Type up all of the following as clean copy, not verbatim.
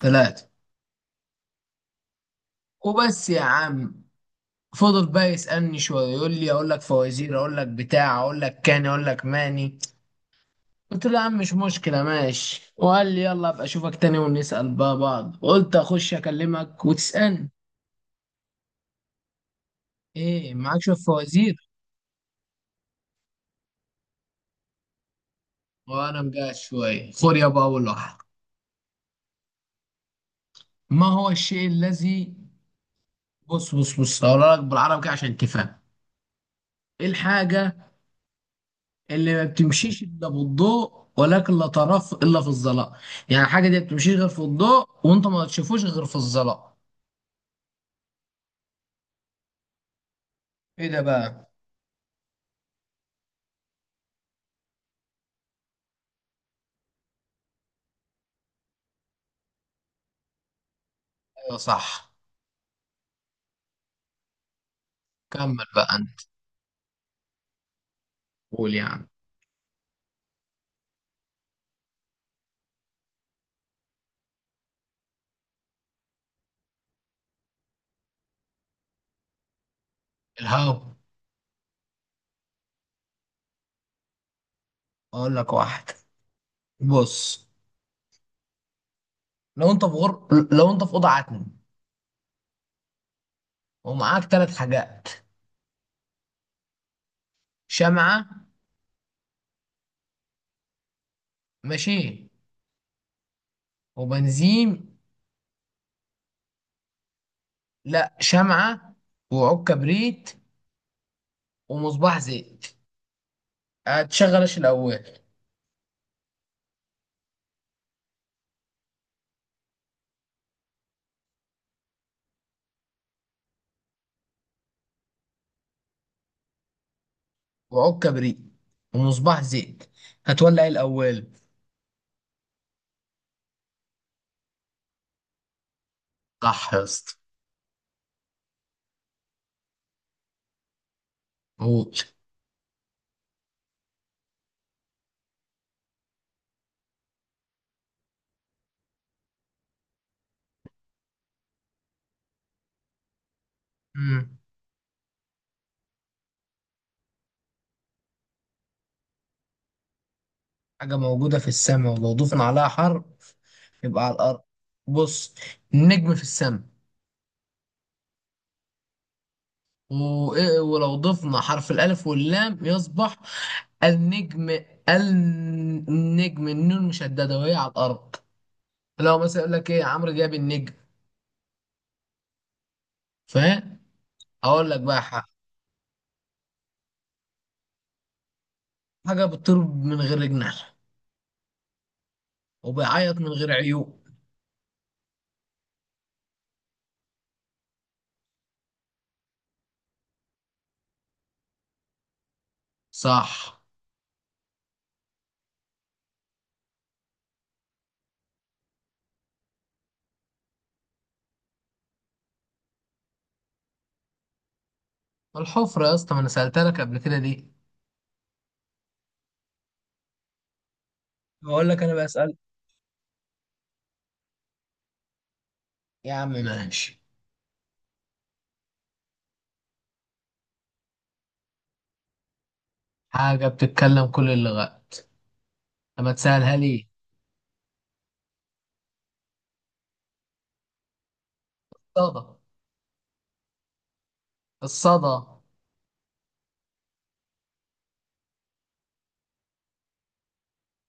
ثلاثة وبس يا عم. فضل بقى يسألني شوية، يقول لي أقول لك فوازير، أقول لك بتاع، أقول لك كاني، أقول لك ماني. قلت له يا عم مش مشكلة ماشي، وقال لي يلا أبقى أشوفك تاني ونسأل بقى بعض. قلت أخش أكلمك وتسألني إيه، معاك شوية فوازير؟ وأنا مجهز شوية، خد يابا أول واحد. ما هو الشيء الذي، بص بص بص هقولها لك بالعربي كده عشان تفهم. إيه الحاجة اللي ما بتمشيش الا بالضوء، ولكن لا تراه الا في الظلام؟ يعني الحاجه دي ما بتمشيش غير في الضوء، وانت ما تشوفوش غير في الظلام. ايه ده بقى؟ ايوه صح. كمل بقى انت، قول يعني. الهوا. اقول لك واحد، بص، لو انت في غر... لو انت في اوضه عتم، ومعاك ثلاث حاجات: شمعه، ماشي، وبنزين، لا شمعه، وعود كبريت، ومصباح زيت. هتشغل ايش الاول؟ وعود كبريت ومصباح زيت، هتولع إيه الأول؟ صح يا اسطى. قول. مم. حاجة موجودة في السماء، ولو ضفنا عليها حرف يبقى على الأرض. بص، النجم في السماء، وإيه ولو ضفنا حرف الألف واللام يصبح النجم. النجم النون مشددة، وهي على الأرض. لو مثلا يقول لك إيه، عمرو جاب النجم. فاهم؟ أقول لك بقى حاجة، حاجة بتطير من غير جناح، وبيعيط من غير عيون. صح. الحفرة يا اسطى، ما انا سألتها لك قبل كده ليه؟ بقول لك انا بسأل. يا عم ماشي. حاجة بتتكلم كل اللغات، لما تسألها لي. الصدى. الصدى.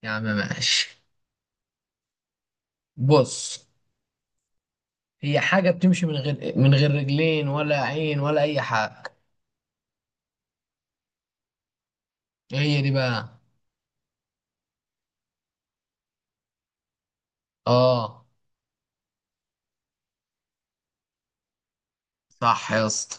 يا عم ماشي، بص، هي حاجة بتمشي من غير رجلين ولا عين ولا أي حاجة. إيه هي دي بقى؟ اه، صح يا اسطى.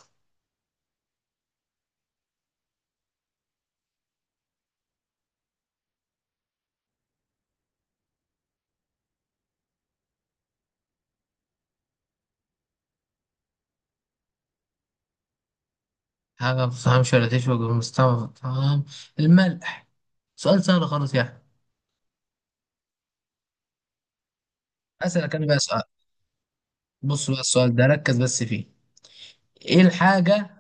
حاجة ما بتفهمش ولا تشبك بالمستوى، تمام، الملح. سؤال سهل خالص يعني. أسألك أنا بقى سؤال، بص بقى السؤال ده ركز بس فيه. إيه الحاجة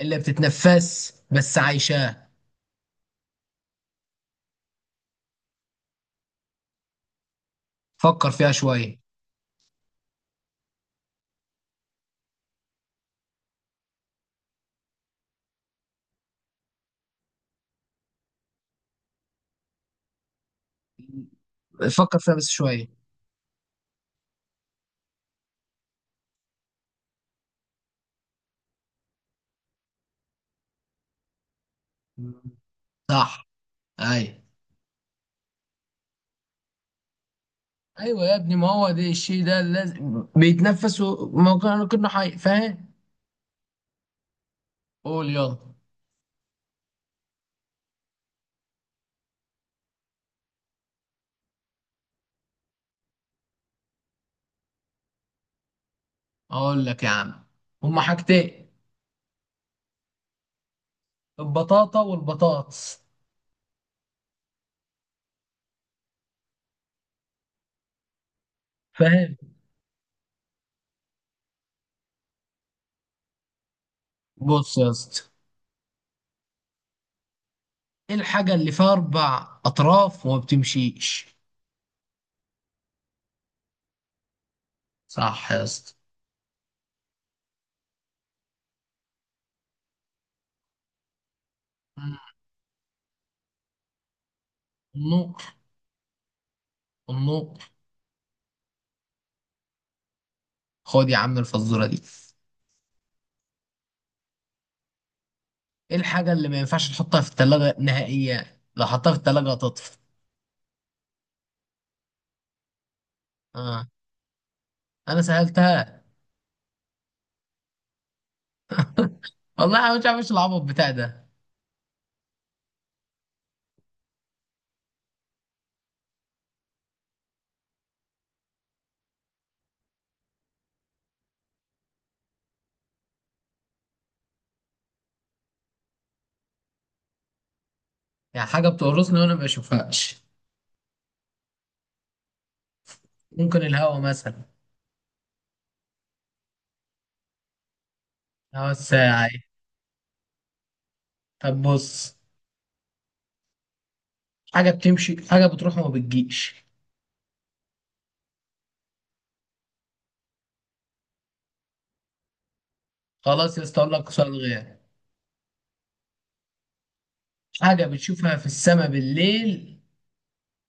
اللي بتتنفس بس عايشاه؟ فكر فيها شوية. فكر فيها بس شوية. صح. اي. ايوه يا ابني، ما هو ده الشيء ده لازم بيتنفس وما كان- كنا كنا حي، فاهم. قول يلا. اقول لك يا عم، هما حاجتين: البطاطا والبطاطس. فاهم. بص يا اسطى، ايه الحاجة اللي فيها اربع اطراف وما بتمشيش؟ صح يا اسطى. النقر. النقر. خد يا عم الفزورة دي، ايه الحاجة اللي ما ينفعش تحطها في التلاجة نهائيا، لو حطها في التلاجة هتطفي؟ اه، انا سألتها. والله انا مش عارف ايش العبط بتاع ده. يعني حاجة بتقرصني وانا ما بشوفهاش، ممكن الهوا مثلا. هوا الساعة إيه؟ طب بص، حاجة بتمشي، حاجة بتروح وما بتجيش. خلاص يا اسطى اقول لك سؤال غير. حاجة بتشوفها في السماء بالليل،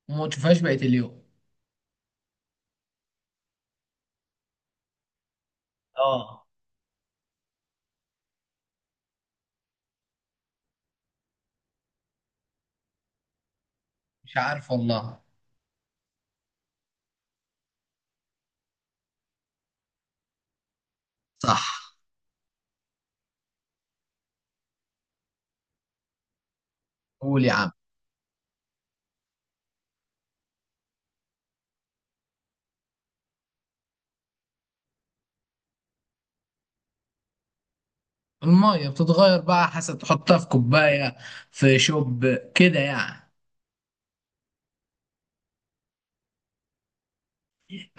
وما تشوفهاش بقية اليوم. اه. مش عارف والله. صح. قول يا عم. المية بتتغير بقى حسب، تحطها في كوباية، في شوب، كده يعني.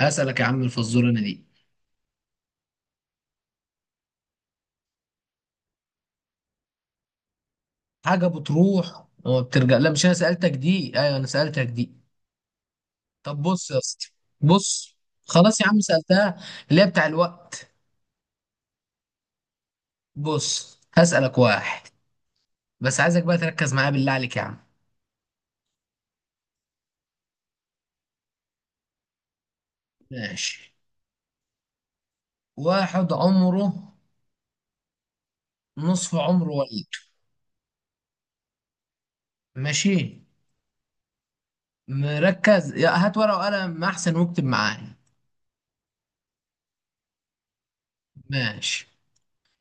هسألك يا عم الفزورة أنا دي، حاجة بتروح وما بترجع. لا مش أنا سألتك دي، أيوة أنا سألتك دي. طب بص يا اسطى، بص، خلاص يا عم سألتها، اللي هي بتاع الوقت. بص هسألك واحد، بس عايزك بقى تركز معايا بالله عليك يا عم. ماشي. واحد عمره نصف عمر والده، ماشي، مركز يا، هات ورقة وقلم أحسن واكتب معايا. ماشي.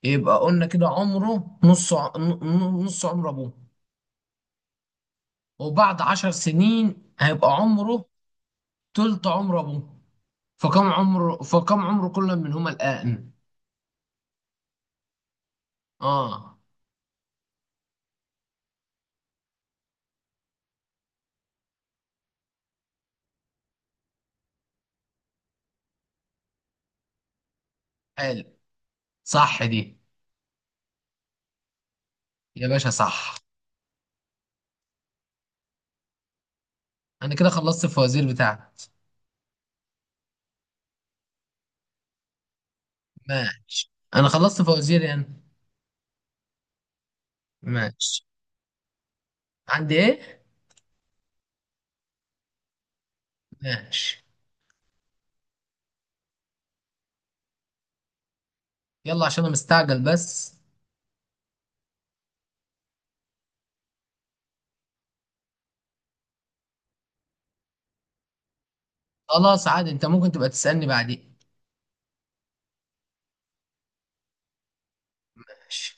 يبقى قلنا كده عمره نص عمر أبوه، وبعد 10 سنين هيبقى عمره تلت عمر أبوه. فكم عمره، فكم عمر كل منهما الآن؟ آه حلو، صح دي يا باشا، صح. أنا كده خلصت الفوازير بتاعتي. ماشي، أنا خلصت فوازير يعني. ماشي. عندي إيه؟ ماشي. يلا عشان أنا مستعجل بس. خلاص عادي، أنت ممكن تبقى تسألني بعدين. ماشي.